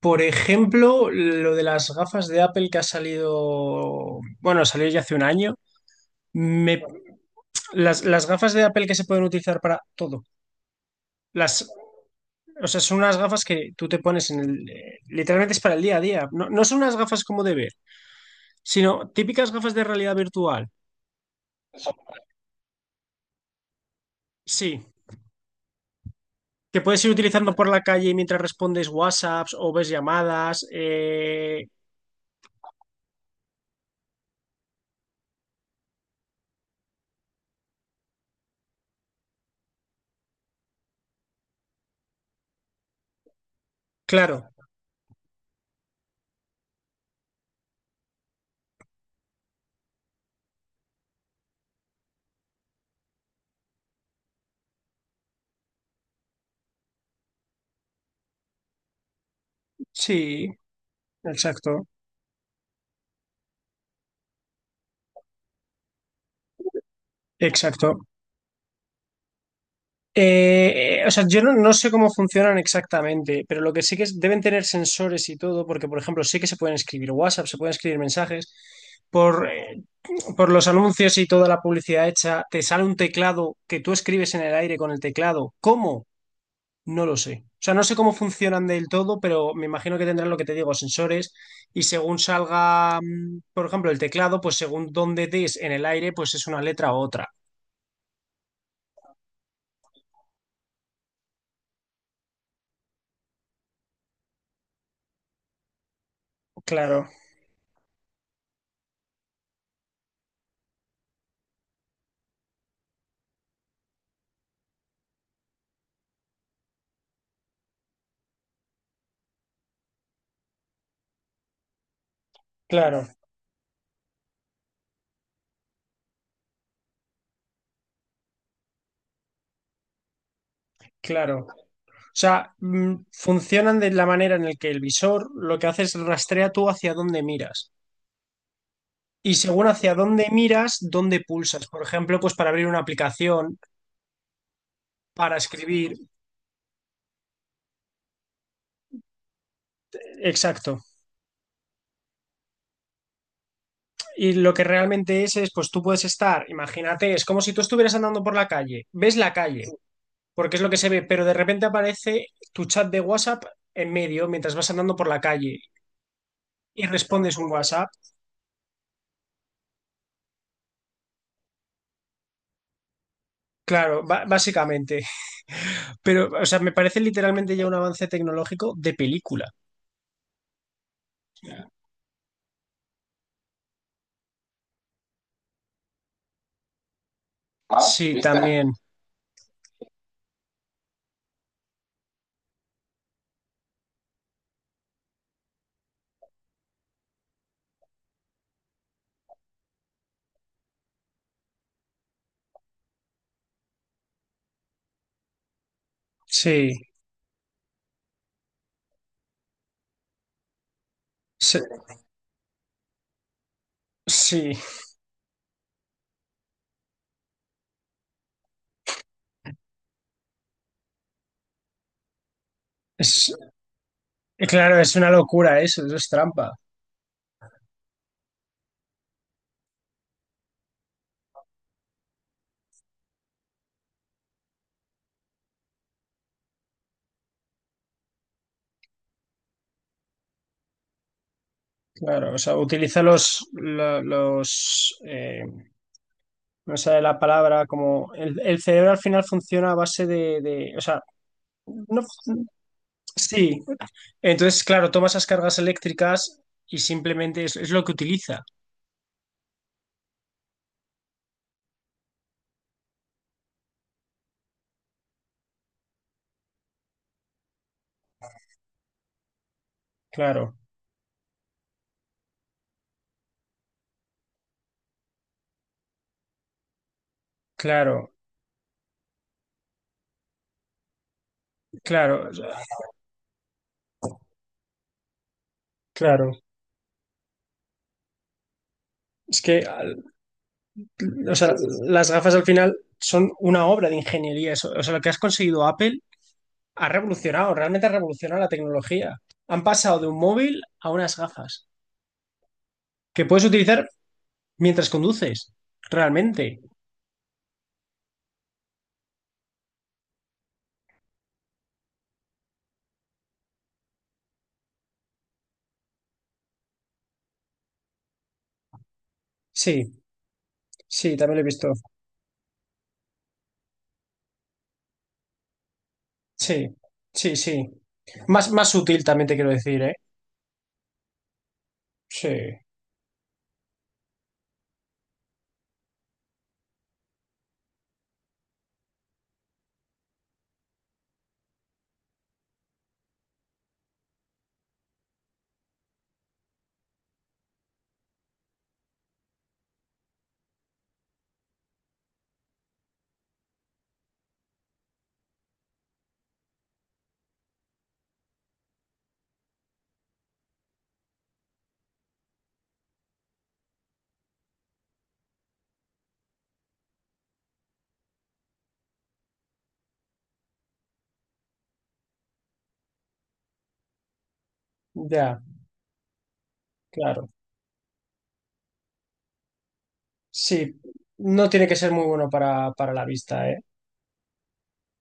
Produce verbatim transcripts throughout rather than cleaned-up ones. Por ejemplo, lo de las gafas de Apple que ha salido, bueno, salió ya hace un año. Me, las, las gafas de Apple que se pueden utilizar para todo. Las, o sea, son unas gafas que tú te pones en el... eh, Literalmente es para el día a día. No, no son unas gafas como de ver, sino típicas gafas de realidad virtual. Sí, que puedes ir utilizando por la calle mientras respondes WhatsApps o ves llamadas. eh, Claro, sí, exacto, exacto. Eh, eh, o sea, yo no, no sé cómo funcionan exactamente, pero lo que sí que es, deben tener sensores y todo, porque, por ejemplo, sé que se pueden escribir WhatsApp, se pueden escribir mensajes. Por, eh, por los anuncios y toda la publicidad hecha, te sale un teclado que tú escribes en el aire con el teclado. ¿Cómo? No lo sé. O sea, no sé cómo funcionan del todo, pero me imagino que tendrán lo que te digo, sensores, y según salga, mm, por ejemplo, el teclado, pues según dónde des en el aire, pues es una letra u otra. Claro, claro, claro. O sea, mm, funcionan de la manera en el que el visor lo que hace es rastrea tú hacia dónde miras. Y según hacia dónde miras, dónde pulsas. Por ejemplo, pues para abrir una aplicación, para escribir. Exacto. Y lo que realmente es, es, pues tú puedes estar, imagínate, es como si tú estuvieras andando por la calle. Ves la calle, porque es lo que se ve, pero de repente aparece tu chat de WhatsApp en medio mientras vas andando por la calle y respondes un WhatsApp. Claro, ba- básicamente. Pero, o sea, me parece literalmente ya un avance tecnológico de película. Ah, sí, ¿viste? También. Sí. Sí, sí. Es- claro, es una locura eso, eso es trampa. Claro, o sea, utiliza los, lo- los, eh, no sé la palabra, como el, el cerebro al final funciona a base de, de- o sea, no, fun- sí. Entonces, claro, toma esas cargas eléctricas y simplemente es, es lo que utiliza. Claro, claro, claro, o sea, claro. Es que O sea, las gafas al final son una obra de ingeniería. Eso- O sea, lo que has conseguido Apple ha revolucionado, realmente ha revolucionado la tecnología. Han pasado de un móvil a unas gafas que puedes utilizar mientras conduces, realmente. Sí, sí, también lo he visto. Sí, sí, sí. Más, más útil también te quiero decir, ¿eh? Sí, ya, claro. Sí, no tiene que ser muy bueno para, para la vista, ¿eh?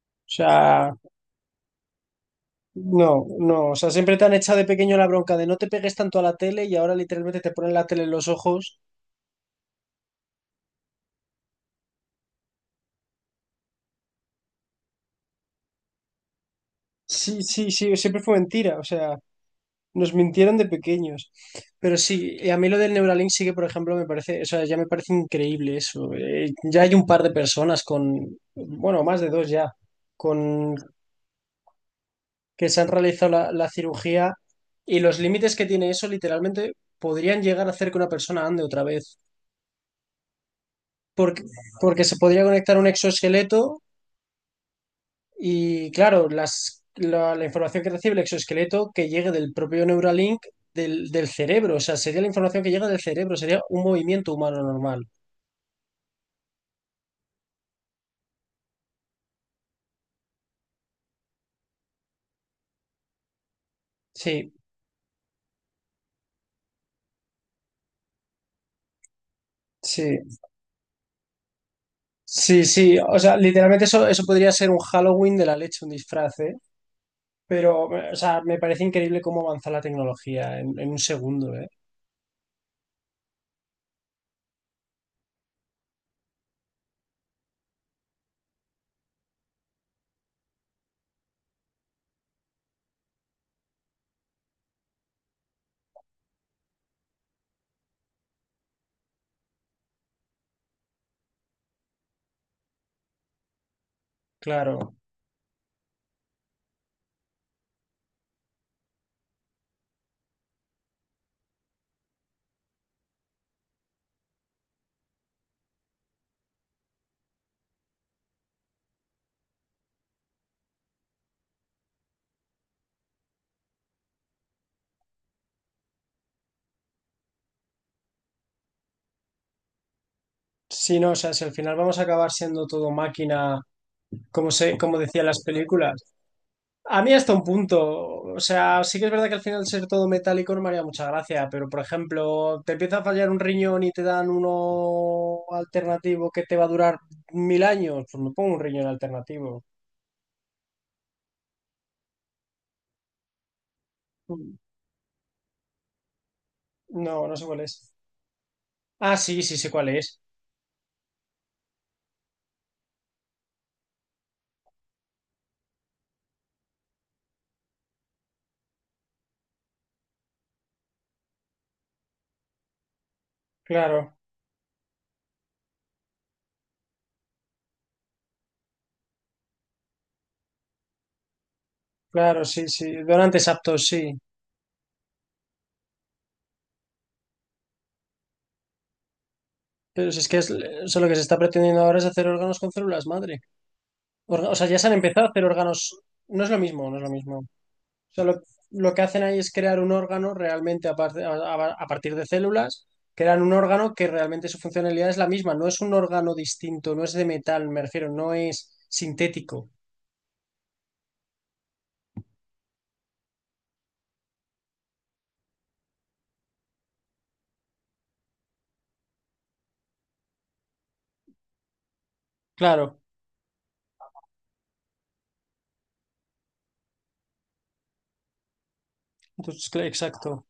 O sea... No, no, o sea, siempre te han echado de pequeño la bronca de no te pegues tanto a la tele y ahora literalmente te ponen la tele en los ojos. Sí, sí, sí, siempre fue mentira, o sea, nos mintieron de pequeños. Pero sí, eh, a mí lo del Neuralink sí que, por ejemplo, me parece, o sea, ya me parece increíble eso. Eh, ya hay un par de personas con, bueno, más de dos ya, con que se han realizado la, la cirugía y los límites que tiene eso literalmente podrían llegar a hacer que una persona ande otra vez. Porque, porque se podría conectar un exoesqueleto. Y claro, las, la, la información que recibe el exoesqueleto que llegue del propio Neuralink del, del cerebro, o sea, sería la información que llega del cerebro, sería un movimiento humano normal. Sí, sí, sí, sí, o sea, literalmente eso, eso podría ser un Halloween de la leche, un disfraz, ¿eh? Pero, o sea, me parece increíble cómo avanza la tecnología en, en un segundo, ¿eh? Claro. Sí, no, o sea, si al final vamos a acabar siendo todo máquina, como se, como decían las películas. A mí hasta un punto. O sea, sí que es verdad que al final ser todo metálico no me haría mucha gracia, pero por ejemplo, te empieza a fallar un riñón y te dan uno alternativo que te va a durar mil años, pues me pongo un riñón alternativo. No, no sé cuál es. Ah, sí, sí, sé cuál es. Claro, claro, sí, sí. Donantes aptos, sí. Pero si es que es, o sea, lo que se está pretendiendo ahora es hacer órganos con células madre. Orga- O sea, ya se han empezado a hacer órganos. No es lo mismo, no es lo mismo. Sea, lo, lo que hacen ahí es crear un órgano realmente a, par- a- a- a partir de células, crean un órgano que realmente su funcionalidad es la misma, no es un órgano distinto, no es de metal, me refiero, no es sintético. Claro, entonces, cl- exacto.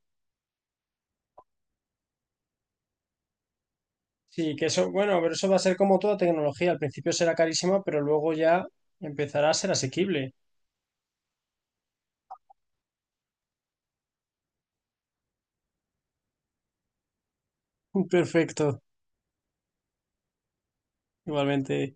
Sí, que eso, bueno, pero eso va a ser como toda tecnología, al principio será carísima, pero luego ya empezará a ser asequible. Perfecto, igualmente.